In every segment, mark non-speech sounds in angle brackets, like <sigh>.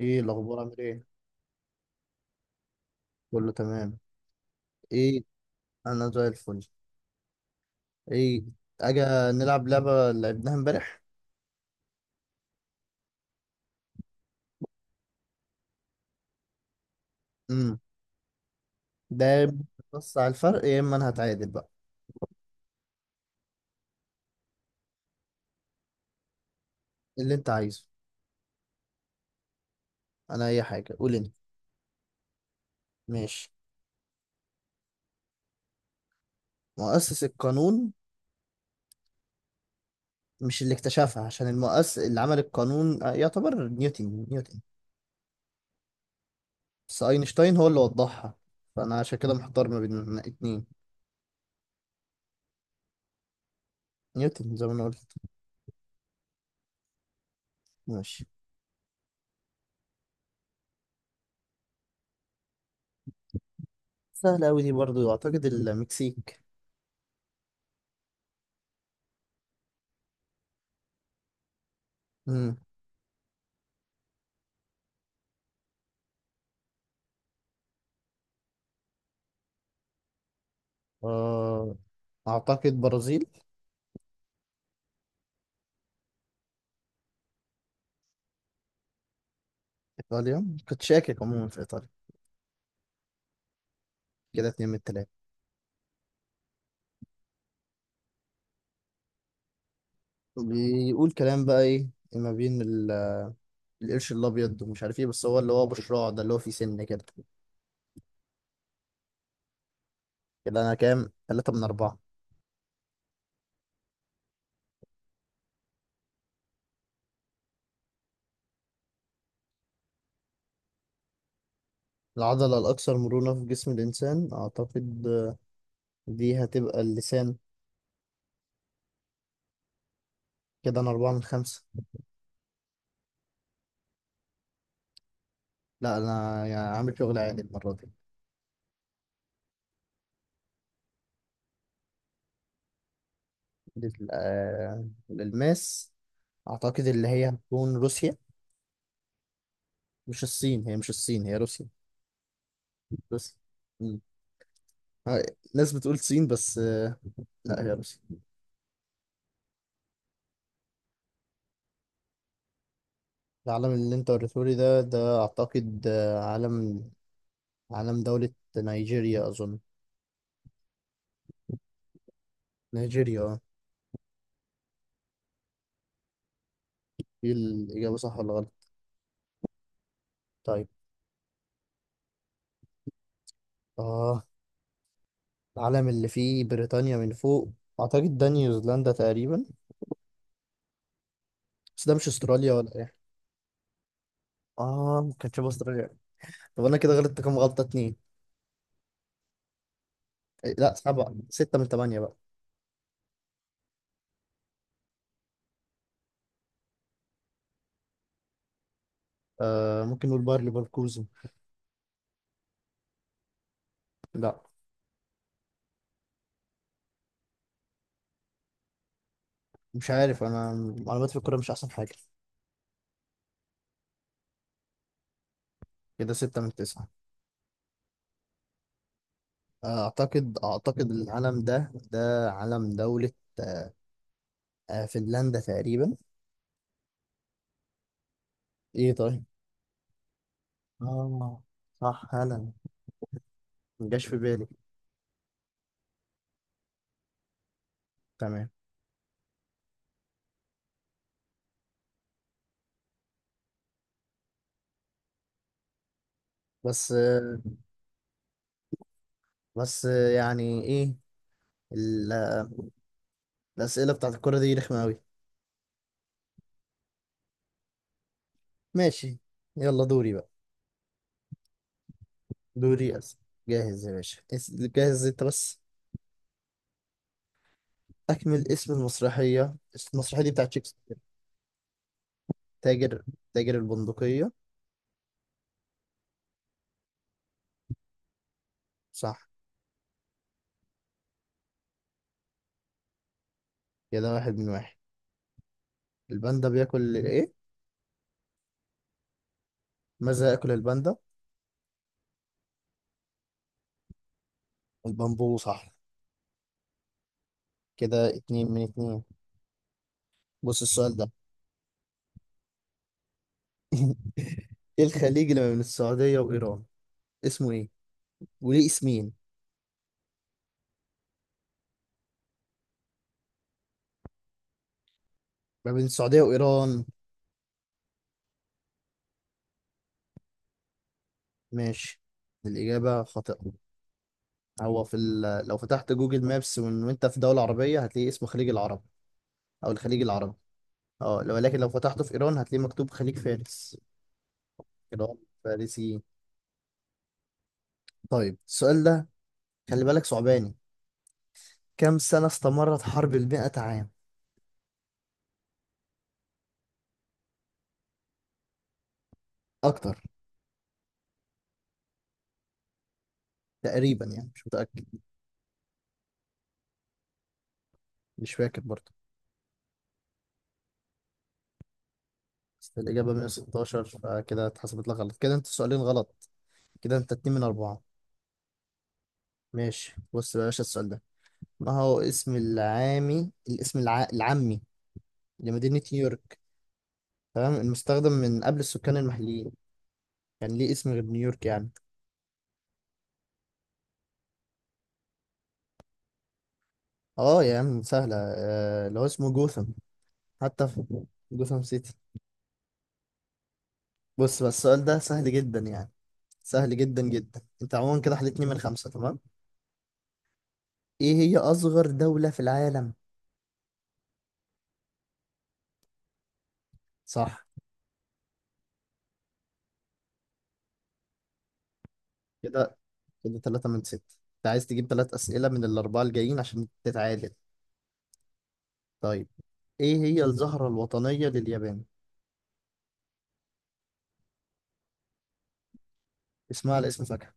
ايه الاخبار عامل ايه. كله تمام. ايه؟ انا زي الفل. ايه؟ اجي نلعب لعبه اللي لعبناها امبارح. امم ده يا إما. بص على الفرق يا اما انا هتعادل بقى. اللي انت عايزه، انا اي حاجه، قول انت. ماشي. مؤسس القانون؟ مش اللي اكتشفها، عشان المؤسس اللي عمل القانون يعتبر نيوتن. بس اينشتاين هو اللي وضحها، فانا عشان كده محتار ما بين اتنين. نيوتن زي ما انا قلت. ماشي. سهله قوي دي برضو، اعتقد المكسيك. امم آه، أعتقد برازيل. إيطاليا؟ كنت شاكك عموما في إيطاليا. كده اتنين من التلاتة. بيقول كلام بقى إيه. ما بين القرش الأبيض ومش عارف إيه، بس هو اللي هو أبو شراع ده، اللي هو فيه سن كده. كده أنا كام؟ تلاتة من أربعة. العضلة الأكثر مرونة في جسم الإنسان؟ أعتقد دي هتبقى اللسان. كده أنا أربعة من خمسة. لا أنا يعني عامل شغل عالي المرة دي. الألماس؟ أعتقد اللي هي هتكون روسيا. مش الصين، هي مش الصين، هي روسيا. روسيا. آه، ناس بتقول صين، بس لا هي روسيا. العلم اللي انت وريته لي ده، اعتقد علم، علم دولة نيجيريا اظن. نيجيريا، اه. دي الاجابة صح ولا غلط؟ طيب. اه. العلم اللي فيه بريطانيا من فوق، اعتقد ده نيوزيلندا تقريبا. بس ده مش استراليا ولا ايه؟ اه، ممكن شبه استراليا. طب انا كده غلطت كام غلطة؟ اتنين. لا سبعة، ستة من تمانية بقى. آه، ممكن نقول باير ليفركوزن. لا مش عارف انا، معلوماتي في الكورة مش احسن حاجة. كده ستة من تسعة. اعتقد العلم ده، علم دولة فنلندا تقريبا. ايه طيب. اه صح، هلا. مجاش في بالي. تمام. بس آه، بس آه، يعني ايه، ال- الأسئلة بتاعت الكرة دي رخمة أوي. ماشي. يلا دوري بقى. دوري أس. جاهز يا باشا. جاهز انت بس. اكمل اسم المسرحية. اسم المسرحية دي بتاعت شكسبير. تاجر، تاجر البندقية. صح، كده واحد من واحد. الباندا بياكل ايه؟ ماذا يأكل الباندا؟ البامبو. صح، كده اتنين من اتنين. بص السؤال ده، <laughs> ايه الخليج اللي ما بين السعودية وإيران؟ اسمه ايه؟ وليه اسمين؟ ما بين السعودية وإيران. ماشي، الإجابة خاطئة. هو في ال... لو فتحت جوجل مابس وانت في دولة عربية هتلاقي اسمه خليج العرب، او الخليج العربي. اه، ولكن لو فتحته في إيران هتلاقيه مكتوب خليج فارس. إيران فارسيين. طيب السؤال ده، خلي بالك صعباني. كم سنة استمرت حرب المئة عام؟ أكتر. تقريبا يعني، مش متأكد. مش فاكر برضه. بس الإجابة 116، فكده اتحسبت لك غلط. كده أنت سؤالين غلط، كده أنت اتنين من أربعة. ماشي. بص بقى يا باشا السؤال ده. ما هو اسم العامي، العامي لمدينة نيويورك، تمام، المستخدم من قبل السكان المحليين؟ كان ليه اسم غير نيويورك يعني. اه يا عم سهلة، اللي هو اسمه جوثام. حتى في جوثام سيتي. بص بقى السؤال ده سهل جدا يعني، سهل جدا جدا. انت عموما كده حليت اتنين من خمسة تمام. ايه هي أصغر دولة في العالم؟ صح، كده كده تلاتة من ستة. انت عايز تجيب تلات أسئلة من الأربعة الجايين عشان تتعادل. طيب، ايه هي الزهرة الوطنية لليابان؟ اسمها على اسم فاكهة.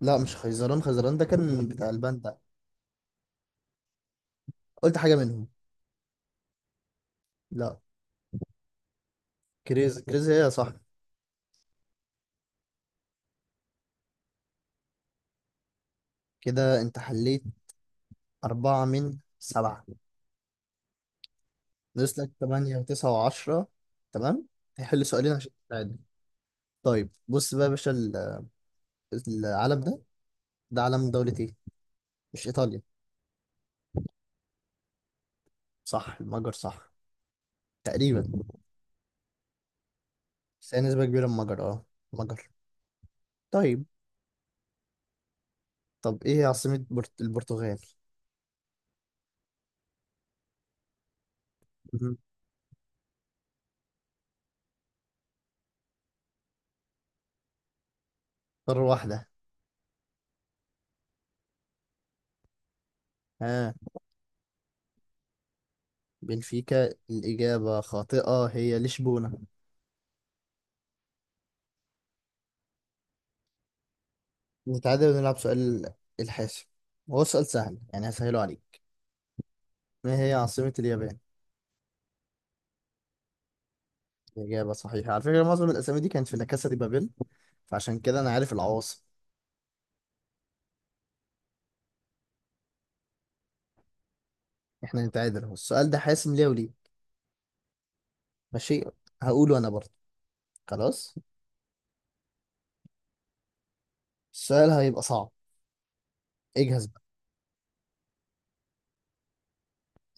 لا مش خيزران، خيزران ده كان بتاع الباندا. قلت حاجة منهم. لا. كريز، كريز هي صح. كده انت حليت أربعة من سبعة. ناقص لك تمانية وتسعة وعشرة، تمام؟ هيحل سؤالين عشان تتعادل. طيب بص بقى يا باشا العلم ده، ده علم دولة ايه؟ مش إيطاليا. صح المجر، صح تقريبا. بس هي نسبة كبيرة، المجر اه، المجر. طيب. طب ايه عاصمة البرتغال؟ مهم. قارة واحدة. ها؟ بنفيكا الإجابة خاطئة، هي لشبونة. نتعادل ونلعب سؤال الحاسم. هو سؤال سهل يعني، هسهله عليك. ما هي عاصمة اليابان؟ الإجابة صحيحة. على فكرة معظم الأسامي دي كانت في لا كاسا دي بابيل، فعشان كده أنا عارف العواصم. احنا نتعادل اهو. السؤال ده حاسم ليه وليه. ماشي، هقوله أنا برضه. خلاص. السؤال هيبقى صعب، اجهز بقى.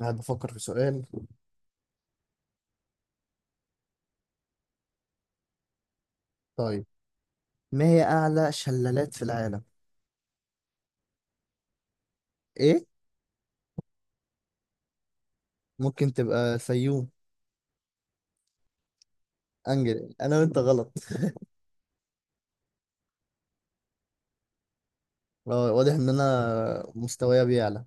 أنا بفكر في سؤال. طيب، ما هي أعلى شلالات في العالم؟ إيه؟ ممكن تبقى سيوم. انجل. انا وانت غلط. <laughs> واضح ان انا مستوايا بيعلى.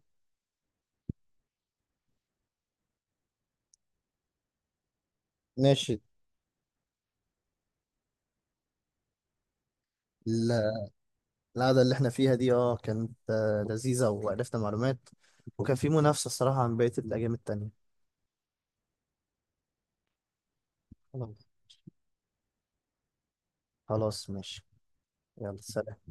ماشي. ال- القعدة اللي احنا فيها دي اه كانت لذيذة، وعرفنا معلومات. وكان في منافسة الصراحة عن بقية الأيام التانية. خلاص. خلاص ماشي. يلا سلام.